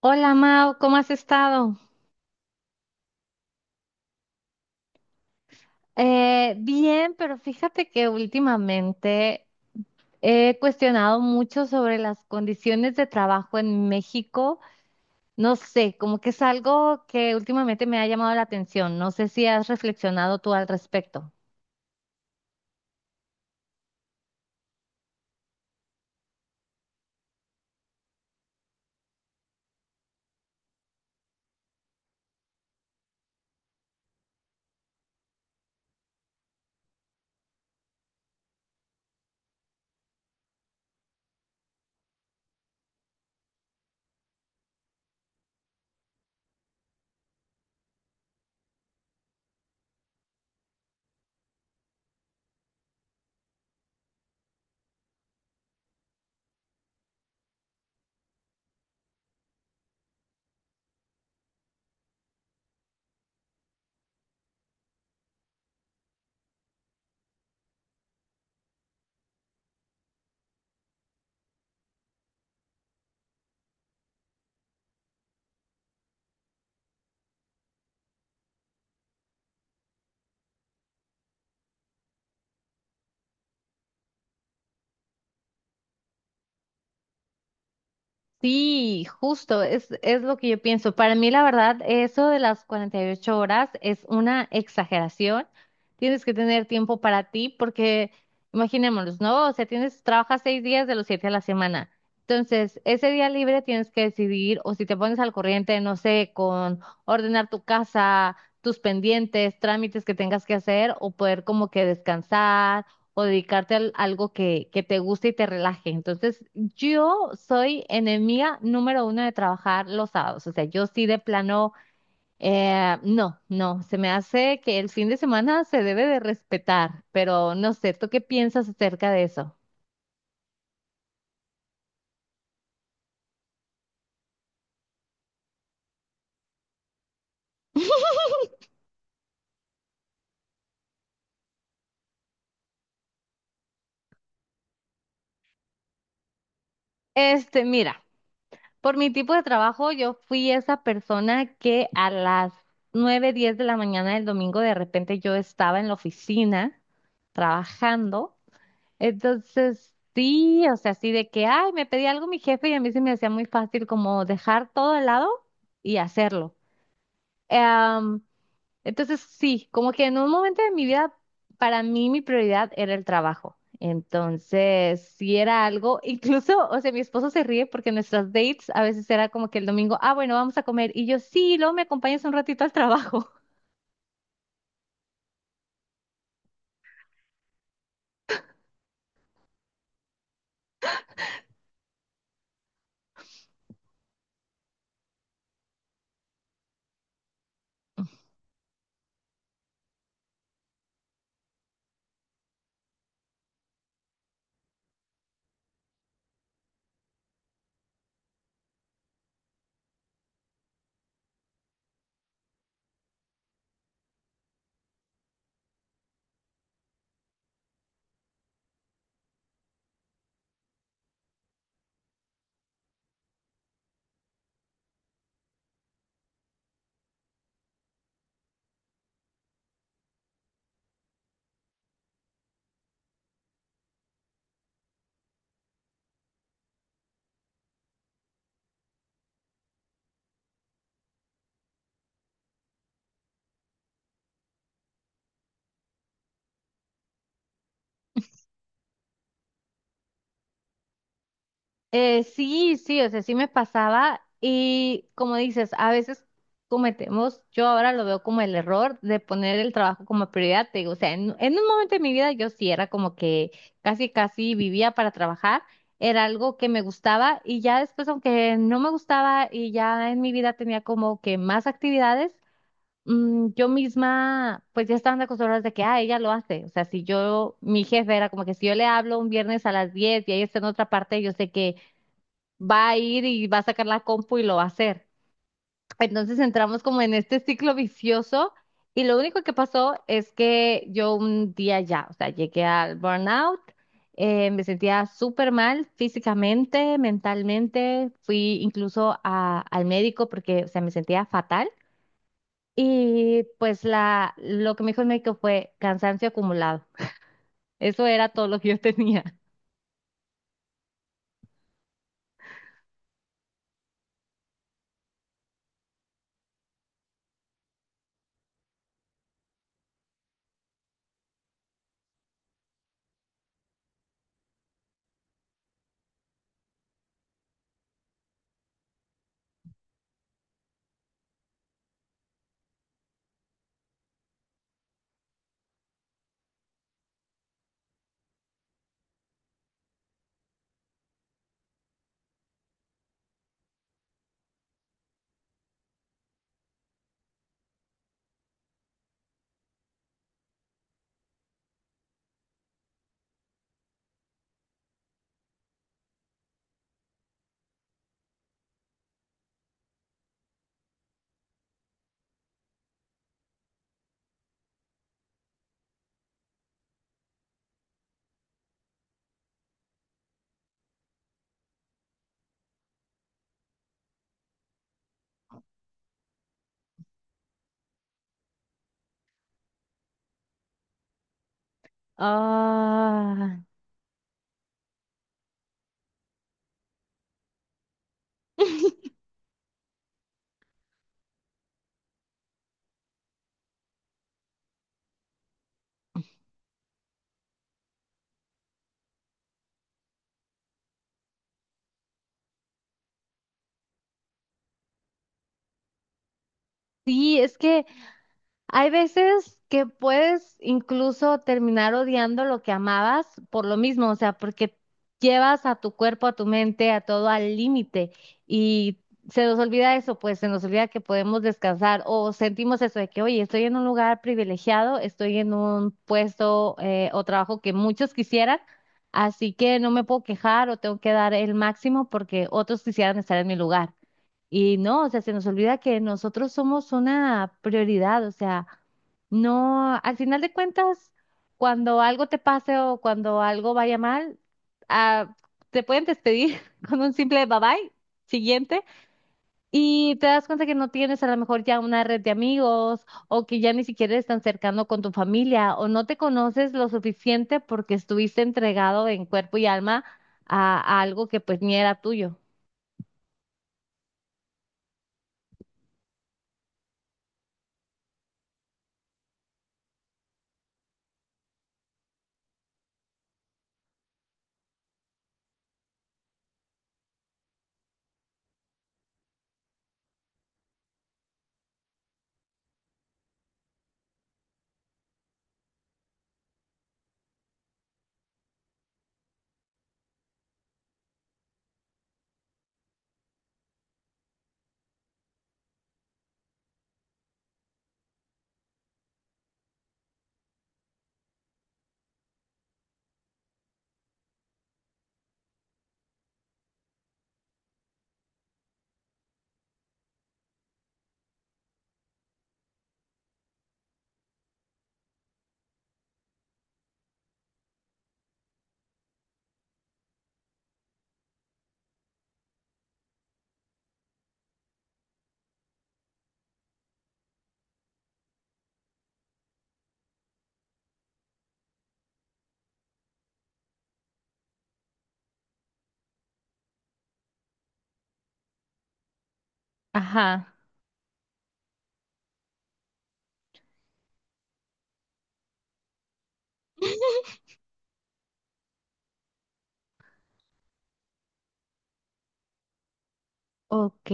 Hola Mau, ¿cómo has estado? Bien, pero fíjate que últimamente he cuestionado mucho sobre las condiciones de trabajo en México. No sé, como que es algo que últimamente me ha llamado la atención. No sé si has reflexionado tú al respecto. Sí, justo, es lo que yo pienso. Para mí, la verdad, eso de las 48 horas es una exageración. Tienes que tener tiempo para ti porque, imaginémonos, ¿no? O sea, tienes, trabajas 6 días de los 7 a la semana. Entonces, ese día libre tienes que decidir, o si te pones al corriente, no sé, con ordenar tu casa, tus pendientes, trámites que tengas que hacer, o poder como que descansar o dedicarte a algo que te guste y te relaje. Entonces, yo soy enemiga número uno de trabajar los sábados. O sea, yo sí de plano, no, no, se me hace que el fin de semana se debe de respetar, pero no sé, ¿tú qué piensas acerca de eso? Mira, por mi tipo de trabajo, yo fui esa persona que a las 9:10 de la mañana del domingo de repente yo estaba en la oficina trabajando. Entonces, sí, o sea, así de que, ay, me pedí algo mi jefe y a mí se me hacía muy fácil como dejar todo al lado y hacerlo. Em, entonces, sí, como que en un momento de mi vida, para mí mi prioridad era el trabajo. Entonces, sí era algo, incluso, o sea, mi esposo se ríe porque nuestras dates a veces era como que el domingo, ah, bueno, vamos a comer. Y yo, sí, luego me acompañas un ratito al trabajo. Sí, sí, o sea, sí me pasaba y como dices, a veces cometemos, yo ahora lo veo como el error de poner el trabajo como prioridad, te digo, o sea, en un momento de mi vida yo sí era como que casi, casi vivía para trabajar, era algo que me gustaba y ya después, aunque no me gustaba y ya en mi vida tenía como que más actividades, yo misma, pues ya estaban acostumbradas de que, ah, ella lo hace. O sea, si yo, mi jefe era como que si yo le hablo un viernes a las 10 y ella está en otra parte, yo sé que va a ir y va a sacar la compu y lo va a hacer. Entonces entramos como en este ciclo vicioso y lo único que pasó es que yo un día ya, o sea, llegué al burnout, me sentía súper mal físicamente, mentalmente, fui incluso al médico porque, o sea, me sentía fatal y pues lo que me dijo el médico fue cansancio acumulado. Eso era todo lo que yo tenía. Ah, sí, es que hay veces que puedes incluso terminar odiando lo que amabas por lo mismo, o sea, porque llevas a tu cuerpo, a tu mente, a todo al límite y se nos olvida eso, pues se nos olvida que podemos descansar o sentimos eso de que, oye, estoy en un lugar privilegiado, estoy en un puesto o trabajo que muchos quisieran, así que no me puedo quejar o tengo que dar el máximo porque otros quisieran estar en mi lugar. Y no, o sea, se nos olvida que nosotros somos una prioridad, o sea, no, al final de cuentas, cuando algo te pase o cuando algo vaya mal, ah, te pueden despedir con un simple bye bye, siguiente, y te das cuenta que no tienes a lo mejor ya una red de amigos o que ya ni siquiera estás tan cercano con tu familia o no te conoces lo suficiente porque estuviste entregado en cuerpo y alma a algo que pues ni era tuyo. Ajá, ok.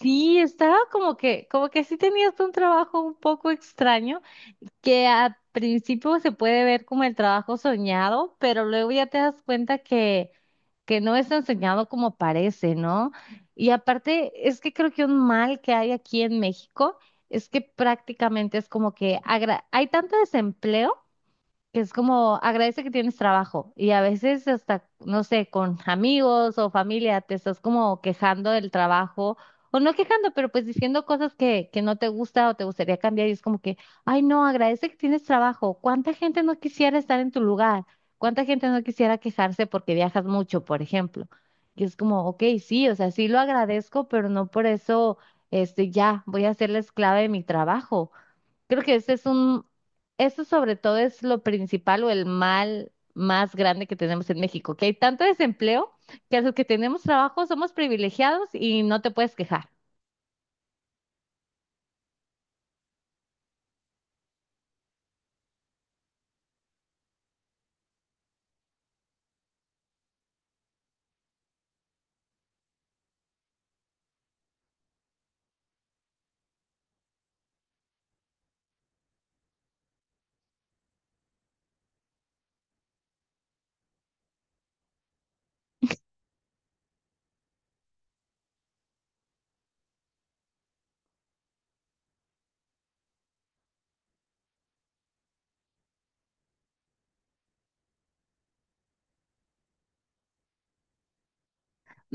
Sí, estaba como que sí tenías un trabajo un poco extraño, que al principio se puede ver como el trabajo soñado, pero luego ya te das cuenta que no es tan soñado como parece, ¿no? Y aparte, es que creo que un mal que hay aquí en México es que prácticamente es como que hay tanto desempleo que es como agradece que tienes trabajo y a veces hasta, no sé, con amigos o familia te estás como quejando del trabajo o no quejando, pero pues diciendo cosas que no te gusta o te gustaría cambiar y es como que, ay no, agradece que tienes trabajo. ¿Cuánta gente no quisiera estar en tu lugar? ¿Cuánta gente no quisiera quejarse porque viajas mucho, por ejemplo? Y es como, ok, sí, o sea, sí lo agradezco, pero no por eso, este, ya voy a ser la esclava de mi trabajo. Creo que ese es eso sobre todo es lo principal o el mal más grande que tenemos en México, que hay tanto desempleo que a los que tenemos trabajo somos privilegiados y no te puedes quejar.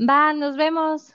Va, nos vemos.